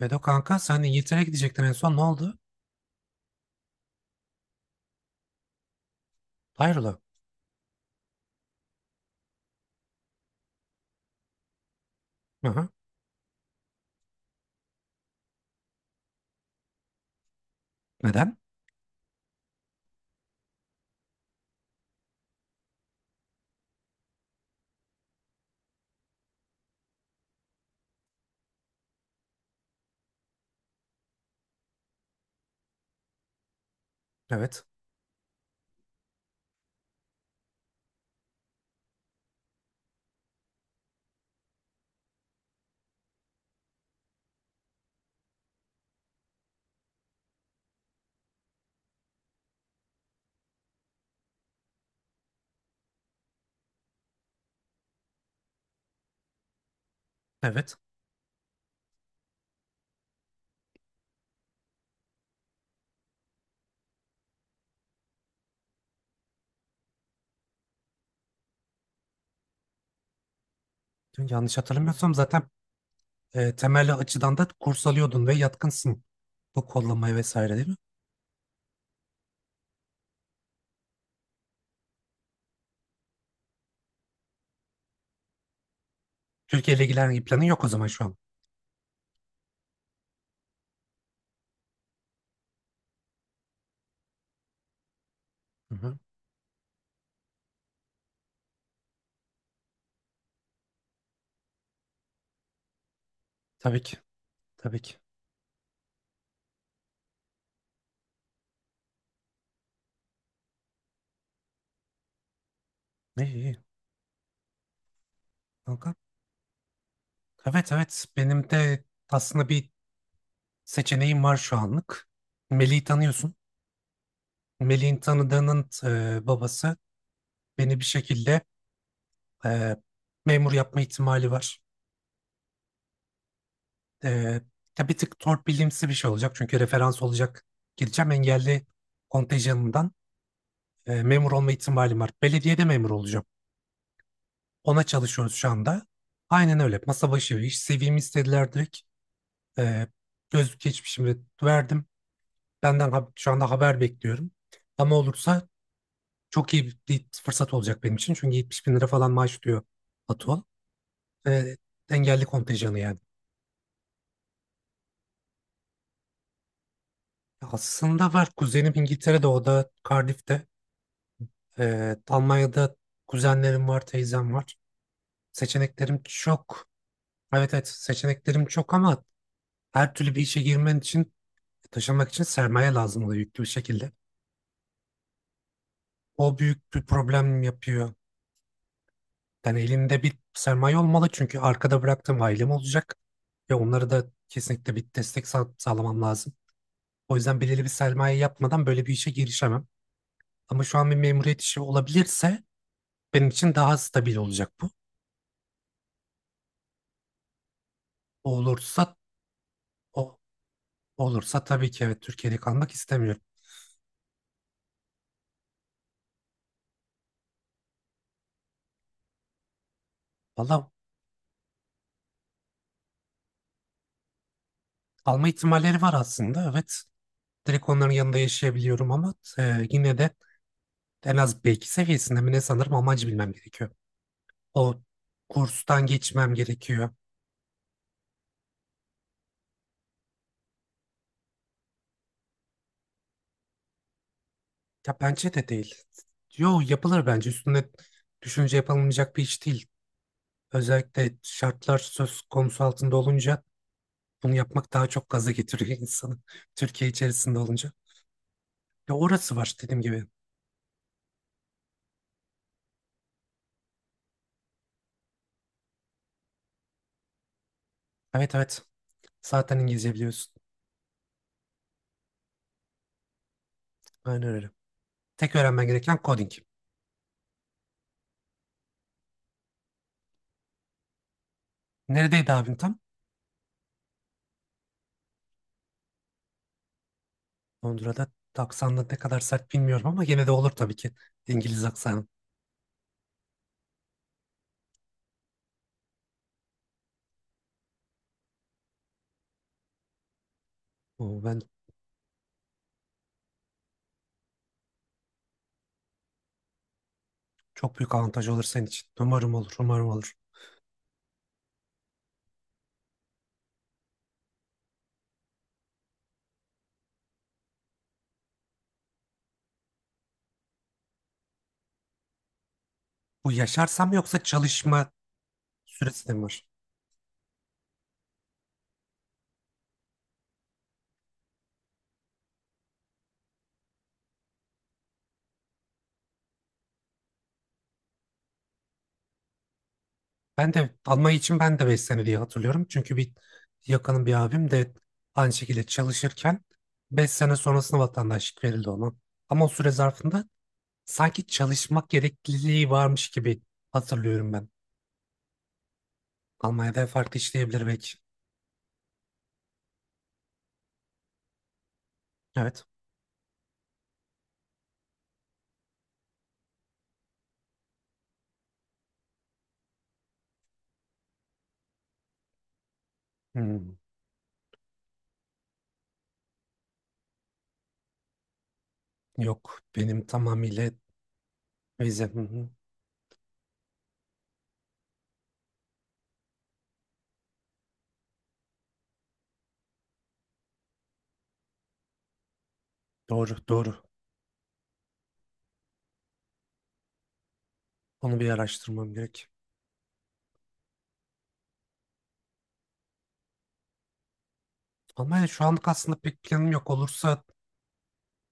Vedo kanka sen İngiltere'ye gidecektin, en son ne oldu? Hayrola? Hı hı. Neden? Evet. Evet. Dün, yanlış hatırlamıyorsam zaten temelli açıdan da kurs alıyordun ve yatkınsın. Bu kollamaya vesaire değil mi? Türkiye ile ilgilenen bir planın yok o zaman şu an. Hı hı. Tabii ki. Tabii ki. Ne iyi kanka. Evet benim de aslında bir seçeneğim var şu anlık. Melih'i tanıyorsun. Melih'in tanıdığının babası beni bir şekilde, e, memur yapma ihtimali var. Ee, tabii bir tık torpilimsi bir şey olacak. Çünkü referans olacak. Gideceğim engelli kontenjanından, memur olma ihtimalim var. Belediyede memur olacağım. Ona çalışıyoruz şu anda. Aynen öyle. Masa başı bir iş. CV'mi istediler direkt. Ee, Gözlük geçmişimi verdim. Benden şu anda haber bekliyorum. Ama olursa çok iyi bir fırsat olacak benim için. Çünkü 70 bin lira falan maaş diyor Atol. Ee, Engelli kontenjanı yani. Aslında var. Kuzenim İngiltere'de, o da Cardiff'te. Almanya'da kuzenlerim var, teyzem var. Seçeneklerim çok. Evet seçeneklerim çok ama her türlü bir işe girmen için, taşınmak için sermaye lazım oluyor yüklü bir şekilde. O büyük bir problem yapıyor. Yani elinde bir sermaye olmalı, çünkü arkada bıraktığım ailem olacak. Ve onlara da kesinlikle bir destek sağlamam lazım. O yüzden belirli bir sermaye yapmadan böyle bir işe girişemem. Ama şu an bir memuriyet işi olabilirse benim için daha stabil olacak bu. O Olursa o Olursa tabii ki, evet, Türkiye'de kalmak istemiyorum. Valla kalma ihtimalleri var aslında, evet. Direkt onların yanında yaşayabiliyorum ama yine de en az B2 seviyesinde mi ne, sanırım amacı bilmem gerekiyor. O kurstan geçmem gerekiyor. Ya bence de değil. Yo, yapılır bence, üstüne düşünce yapılmayacak bir iş değil. Özellikle şartlar söz konusu altında olunca bunu yapmak daha çok gaza getiriyor insanı. Türkiye içerisinde olunca. Ya orası var, dediğim gibi. Evet zaten İngilizce biliyorsun. Aynen öyle. Tek öğrenmen gereken coding. Neredeydi abin tam? Londra'da aksanla ne kadar sert bilmiyorum ama gene de olur tabii ki. İngiliz aksanı. Ben çok büyük avantaj olur senin için. Umarım olur, umarım olur. Bu yaşarsam yoksa çalışma süresi de mi var? Ben de Almanya için ben de 5 sene diye hatırlıyorum. Çünkü bir yakınım, bir abim de aynı şekilde çalışırken 5 sene sonrasında vatandaşlık verildi ona. Ama o süre zarfında sanki çalışmak gerekliliği varmış gibi hatırlıyorum ben. Almanya'da farklı işleyebilir belki. Evet. Hmm. Yok, benim tamamıyla vize. Hı hı. Doğru doğru. Onu bir araştırmam gerek. Almanya şu anlık aslında pek planım yok. Olursa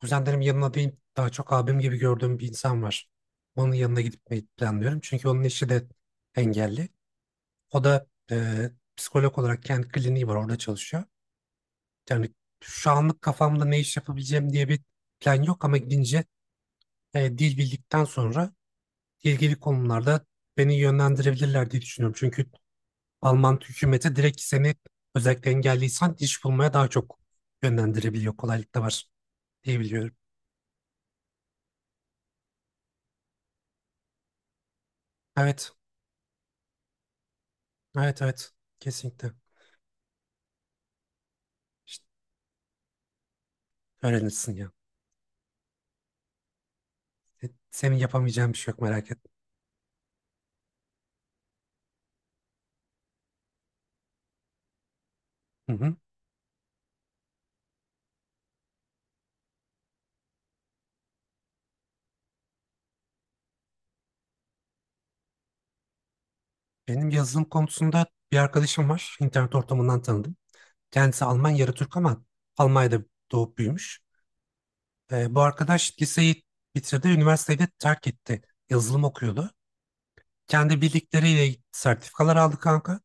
kuzenlerim yanına değil, daha çok abim gibi gördüğüm bir insan var. Onun yanına gitmeyi planlıyorum. Çünkü onun eşi de engelli. O da psikolog olarak kendi kliniği var, orada çalışıyor. Yani şu anlık kafamda ne iş yapabileceğim diye bir plan yok ama gidince, dil bildikten sonra ilgili konularda beni yönlendirebilirler diye düşünüyorum. Çünkü Alman hükümeti direkt seni, özellikle engelliysen, iş bulmaya daha çok yönlendirebiliyor. Kolaylık da var diye biliyorum. Evet, evet, evet. Kesinlikle. İşte öğrenirsin ya. Senin yapamayacağın bir şey yok, merak etme. Hı hı. Benim yazılım konusunda bir arkadaşım var. İnternet ortamından tanıdım. Kendisi Alman, yarı Türk ama Almanya'da doğup büyümüş. E, bu arkadaş liseyi bitirdi, üniversiteyi de terk etti. Yazılım okuyordu. Kendi bildikleriyle sertifikalar aldı kanka.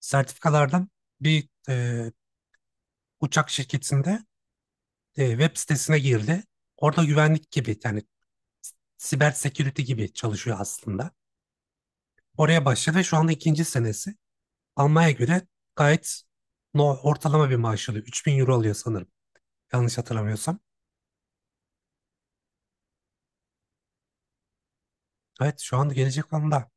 Sertifikalardan bir uçak şirketinde, web sitesine girdi. Orada güvenlik gibi, yani siber security gibi çalışıyor aslında. Oraya başladı ve şu anda ikinci senesi. Almaya göre gayet, no, ortalama bir maaş alıyor. 3000 euro alıyor sanırım. Yanlış hatırlamıyorsam. Evet şu anda gelecek anda.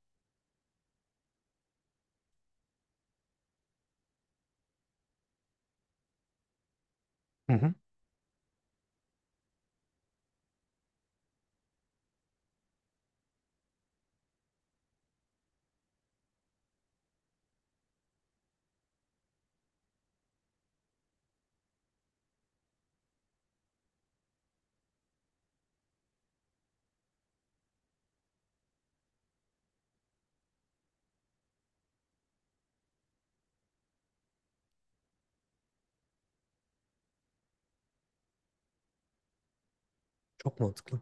Hı hı, çok mantıklı.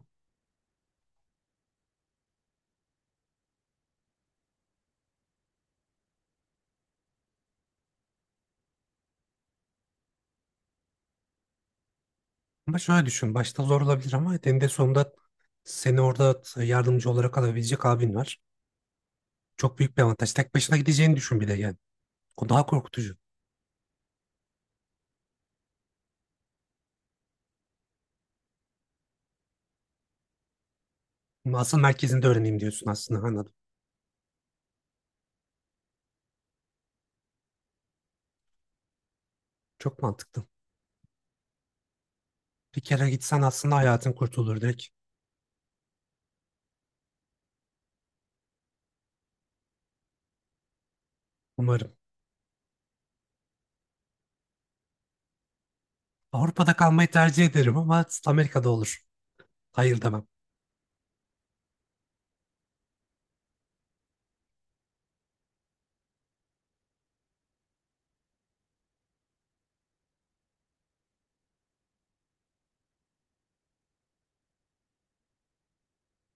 Ama şöyle düşün. Başta zor olabilir ama eninde sonunda seni orada yardımcı olarak alabilecek abin var. Çok büyük bir avantaj. Tek başına gideceğini düşün bir de yani. O daha korkutucu. Ama asıl merkezinde öğreneyim diyorsun aslında, anladım. Çok mantıklı. Bir kere gitsen aslında hayatın kurtulur direkt. Umarım. Avrupa'da kalmayı tercih ederim ama Amerika'da olur. Hayır demem.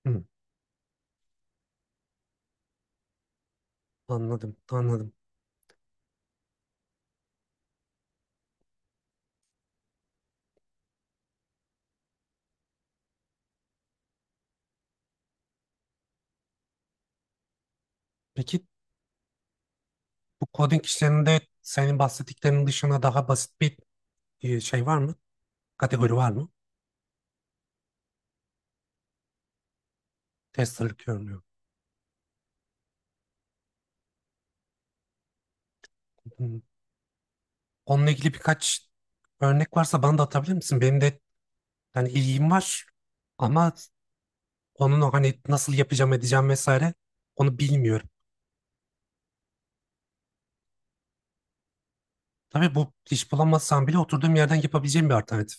Hı, anladım, anladım. Peki bu coding işlerinde senin bahsettiklerinin dışında daha basit bir şey var mı? Kategori var mı? Testerlık görünüyor. Hı. Onunla ilgili birkaç örnek varsa bana da atabilir misin? Benim de yani ilgim var ama onun, o hani nasıl yapacağım edeceğim vesaire, onu bilmiyorum. Tabii bu iş bulamazsam bile oturduğum yerden yapabileceğim bir alternatif.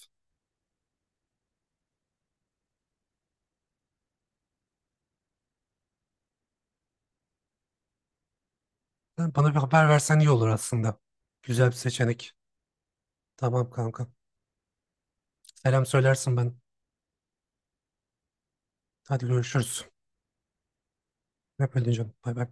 Ha, bana bir haber versen iyi olur aslında. Güzel bir seçenek. Tamam kanka. Selam söylersin ben. Hadi görüşürüz. Hep öyle canım. Bay bay.